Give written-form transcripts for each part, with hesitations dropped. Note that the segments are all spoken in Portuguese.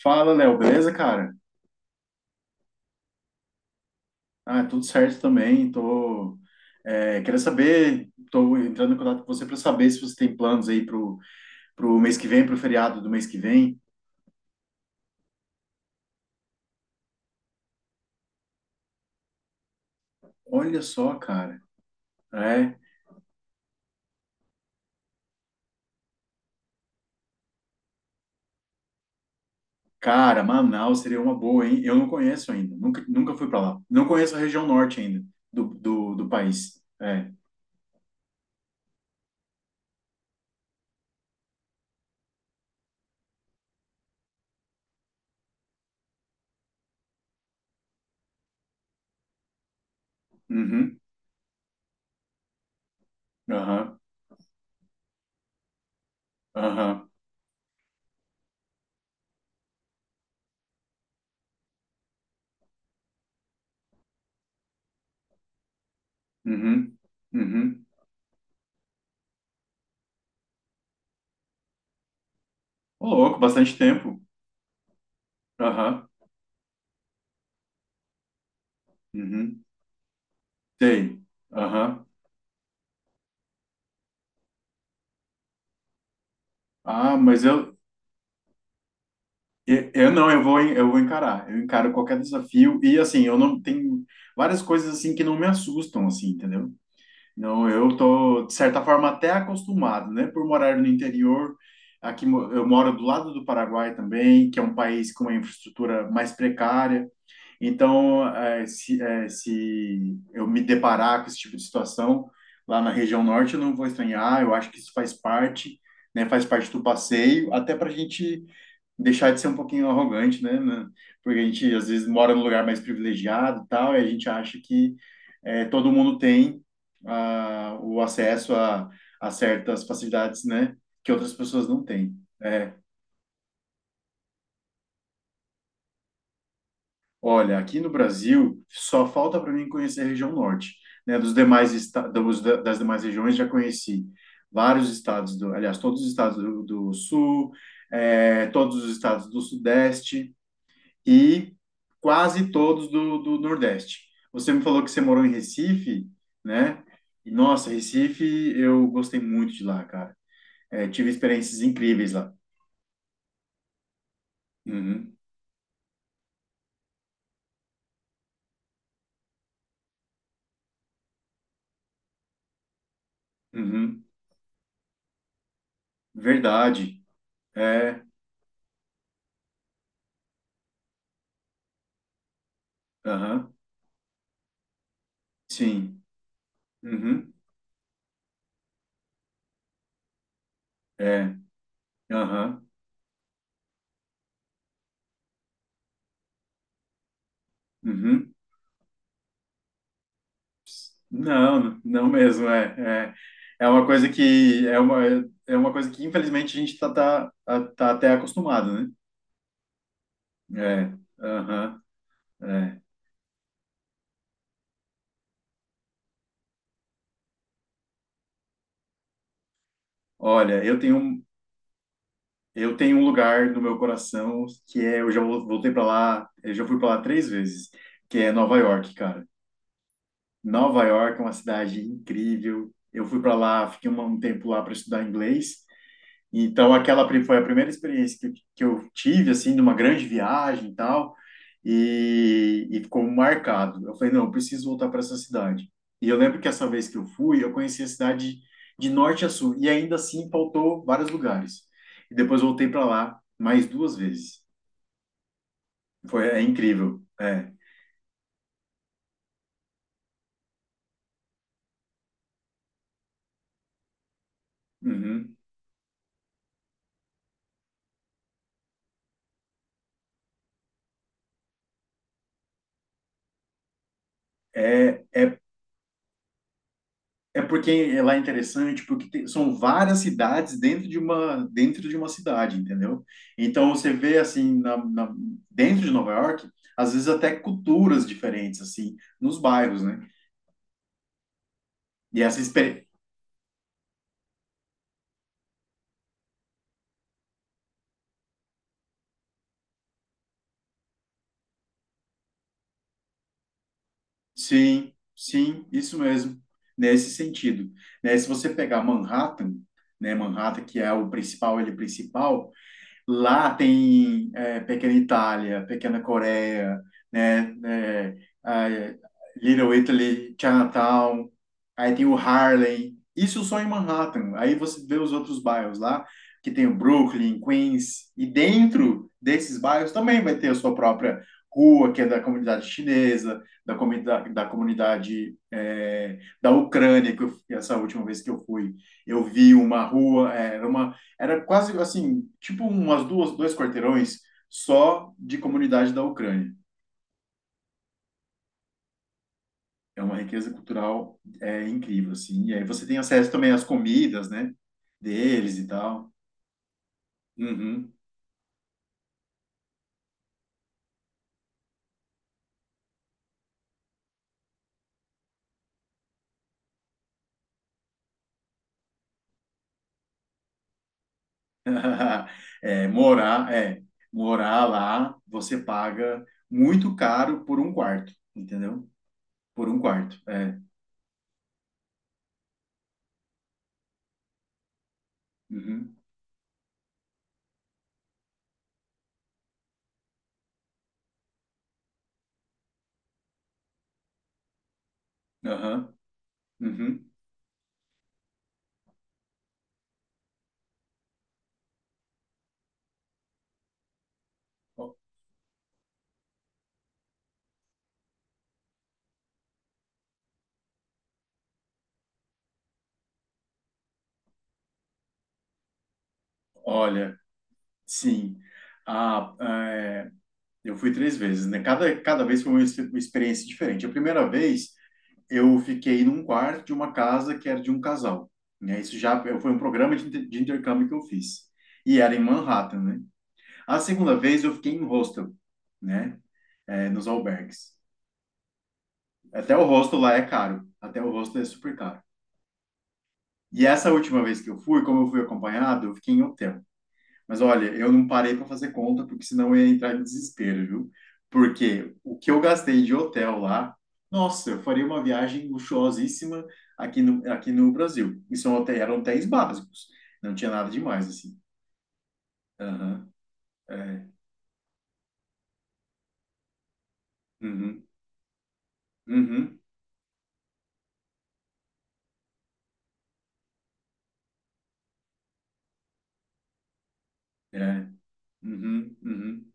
Fala, Léo, beleza, cara? Ah, tudo certo também. Tô, é, queria saber, tô entrando em contato com você para saber se você tem planos aí pro mês que vem, pro feriado do mês que vem. Olha só, cara. É, Cara, Manaus seria uma boa, hein? Eu não conheço ainda. Nunca fui para lá. Não conheço a região norte ainda do país. É. Uhum. Aham. Aham. Uhum. Uhum. Ô, louco, bastante tempo. Aham. Uhum. Sei. Aham. Ah, mas eu, eu não, eu vou, en- eu vou encarar. Eu encaro qualquer desafio e assim, eu não tenho várias coisas assim que não me assustam assim, entendeu? Não, eu tô de certa forma até acostumado, né, por morar no interior. Eu moro do lado do Paraguai também, que é um país com uma infraestrutura mais precária. Então, se eu me deparar com esse tipo de situação lá na região norte, eu não vou estranhar. Eu acho que isso faz parte, né, faz parte do passeio, até para a gente deixar de ser um pouquinho arrogante, né? Porque a gente às vezes mora num lugar mais privilegiado, e tal, e a gente acha que todo mundo tem o acesso a certas facilidades, né? Que outras pessoas não têm. É, olha, aqui no Brasil só falta para mim conhecer a região norte, né? Dos demais esta- dos, da- Das demais regiões já conheci vários estados aliás, todos os estados do sul, todos os estados do sudeste. E quase todos do Nordeste. Você me falou que você morou em Recife, né? E, nossa, Recife, eu gostei muito de lá, cara. Tive experiências incríveis lá. Uhum, uhum. Verdade. É, aham, sim. Uhum, é, aham, uhum. Não, não mesmo, é, é. É uma coisa que, é uma, É uma coisa que, infelizmente, a gente tá até acostumado, né? É, aham, é. Olha, eu tenho um lugar no meu coração que é, eu já voltei para lá, eu já fui para lá três vezes, que é Nova York, cara. Nova York é uma cidade incrível. Eu fui para lá, fiquei um tempo lá para estudar inglês. Então, foi a primeira experiência que eu tive, assim, de uma grande viagem e tal, e ficou marcado. Eu falei, não, eu preciso voltar para essa cidade. E eu lembro que essa vez que eu fui, eu conheci a cidade de norte a sul, e ainda assim faltou vários lugares. E depois voltei para lá mais duas vezes. Foi, é incrível. É. Uhum. É, é. É porque lá é interessante, porque são várias cidades dentro de uma cidade, entendeu? Então você vê assim dentro de Nova York, às vezes até culturas diferentes assim nos bairros, né? E essa experiência, sim, sim, isso mesmo, nesse sentido, né? Se você pegar Manhattan, né? Manhattan que é o principal, ele é principal. Lá tem Pequena Itália, Pequena Coreia, né? É, ah, é. Little Italy, Chinatown, aí tem o Harlem. Isso só em Manhattan. Aí você vê os outros bairros lá, que tem o Brooklyn, Queens, e dentro desses bairros também vai ter a sua própria rua, que é da comunidade chinesa, da Ucrânia, essa última vez que eu fui, eu vi uma rua, era quase assim, tipo dois quarteirões só de comunidade da Ucrânia. É uma riqueza cultural incrível, assim. E aí você tem acesso também às comidas, né? Deles e tal. Uhum. É, morar, é, Morar lá, você paga muito caro por um quarto, entendeu? Por um quarto, é. Uhum. Aham. Uhum. O- Olha, sim. ah é, Eu fui três vezes, né? Cada vez foi uma experiência diferente. A primeira vez, eu fiquei num quarto de uma casa que era de um casal, né? Isso já foi um programa de intercâmbio que eu fiz. E era em Manhattan, né? A segunda vez, eu fiquei em hostel, né? É, nos albergues. Até o hostel lá é caro. Até o hostel é super caro. E essa última vez que eu fui, como eu fui acompanhado, eu fiquei em hotel. Mas olha, eu não parei para fazer conta, porque senão eu ia entrar em desespero, viu? Porque o que eu gastei de hotel lá, nossa, eu faria uma viagem luxuosíssima aqui no Brasil. E eram hotéis básicos, não tinha nada demais, assim. Aham, é, uhum, uhum, é, uhum, uhum.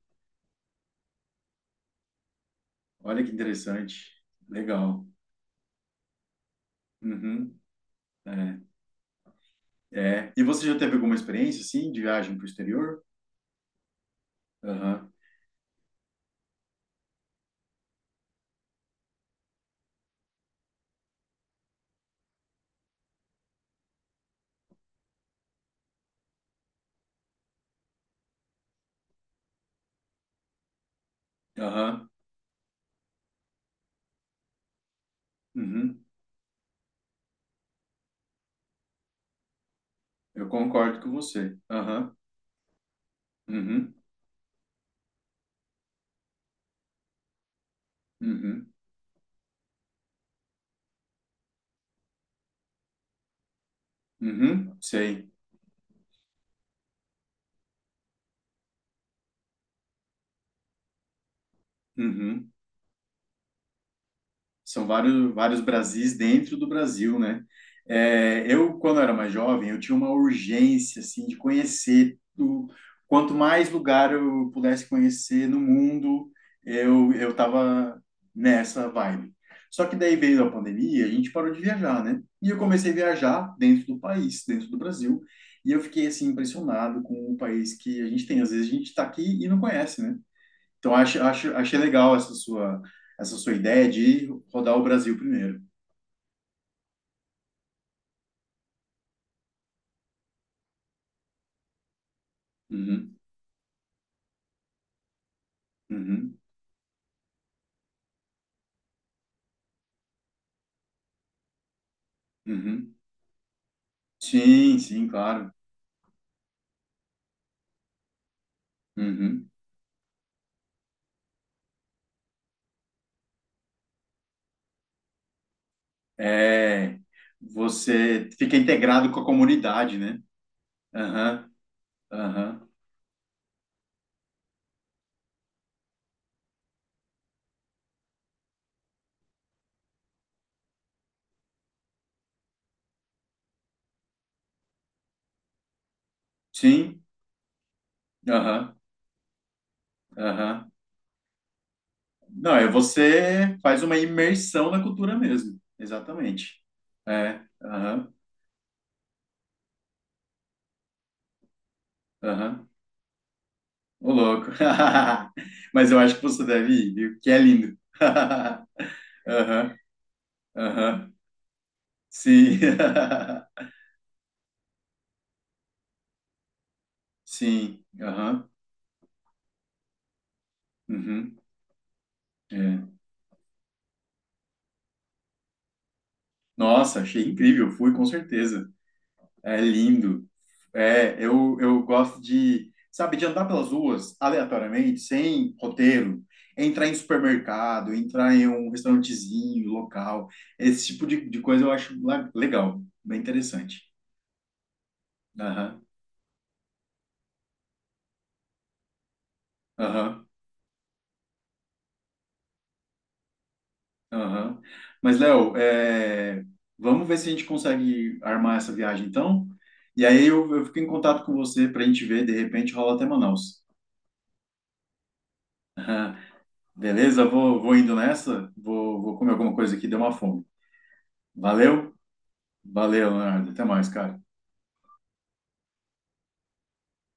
Olha que interessante, legal. Uhum, é, é. E você já teve alguma experiência, assim, de viagem para o exterior? Aham, aham, uhum. Eu concordo com você. Aham. Uhum, uhum, uhum, sei. Uhum. São vários, vários Brasis dentro do Brasil, né? É, quando era mais jovem, eu tinha uma urgência, assim, de conhecer quanto mais lugar eu pudesse conhecer no mundo, eu tava nessa vibe. Só que daí veio a pandemia, a gente parou de viajar, né? E eu comecei a viajar dentro do país, dentro do Brasil, e eu fiquei, assim, impressionado com o país que a gente tem. Às vezes a gente tá aqui e não conhece, né? Então, achei legal essa sua ideia de rodar o Brasil primeiro. Uhum, uhum, uhum. Sim, sim, claro. Uhum. É, você fica integrado com a comunidade, né? Aham, aham. Sim, aham, aham. Não, é você faz uma imersão na cultura mesmo. Exatamente. É, aham, aham. Ô, louco. Mas eu acho que você deve ir, viu? Que é lindo. Aham. Aham, sim, sim, aham, uhum, é. Nossa, achei incrível, fui com certeza, é lindo, é, eu gosto de, sabe, de andar pelas ruas aleatoriamente, sem roteiro, entrar em supermercado, entrar em um restaurantezinho, local, esse tipo de coisa eu acho legal, bem interessante, aham, aham. Aham. Mas, Léo, vamos ver se a gente consegue armar essa viagem, então. E aí eu fico em contato com você para a gente ver, de repente rola até Manaus. Ah, beleza? Vou indo nessa, vou comer alguma coisa aqui, deu uma fome. Valeu? Valeu, Leonardo. Até mais, cara.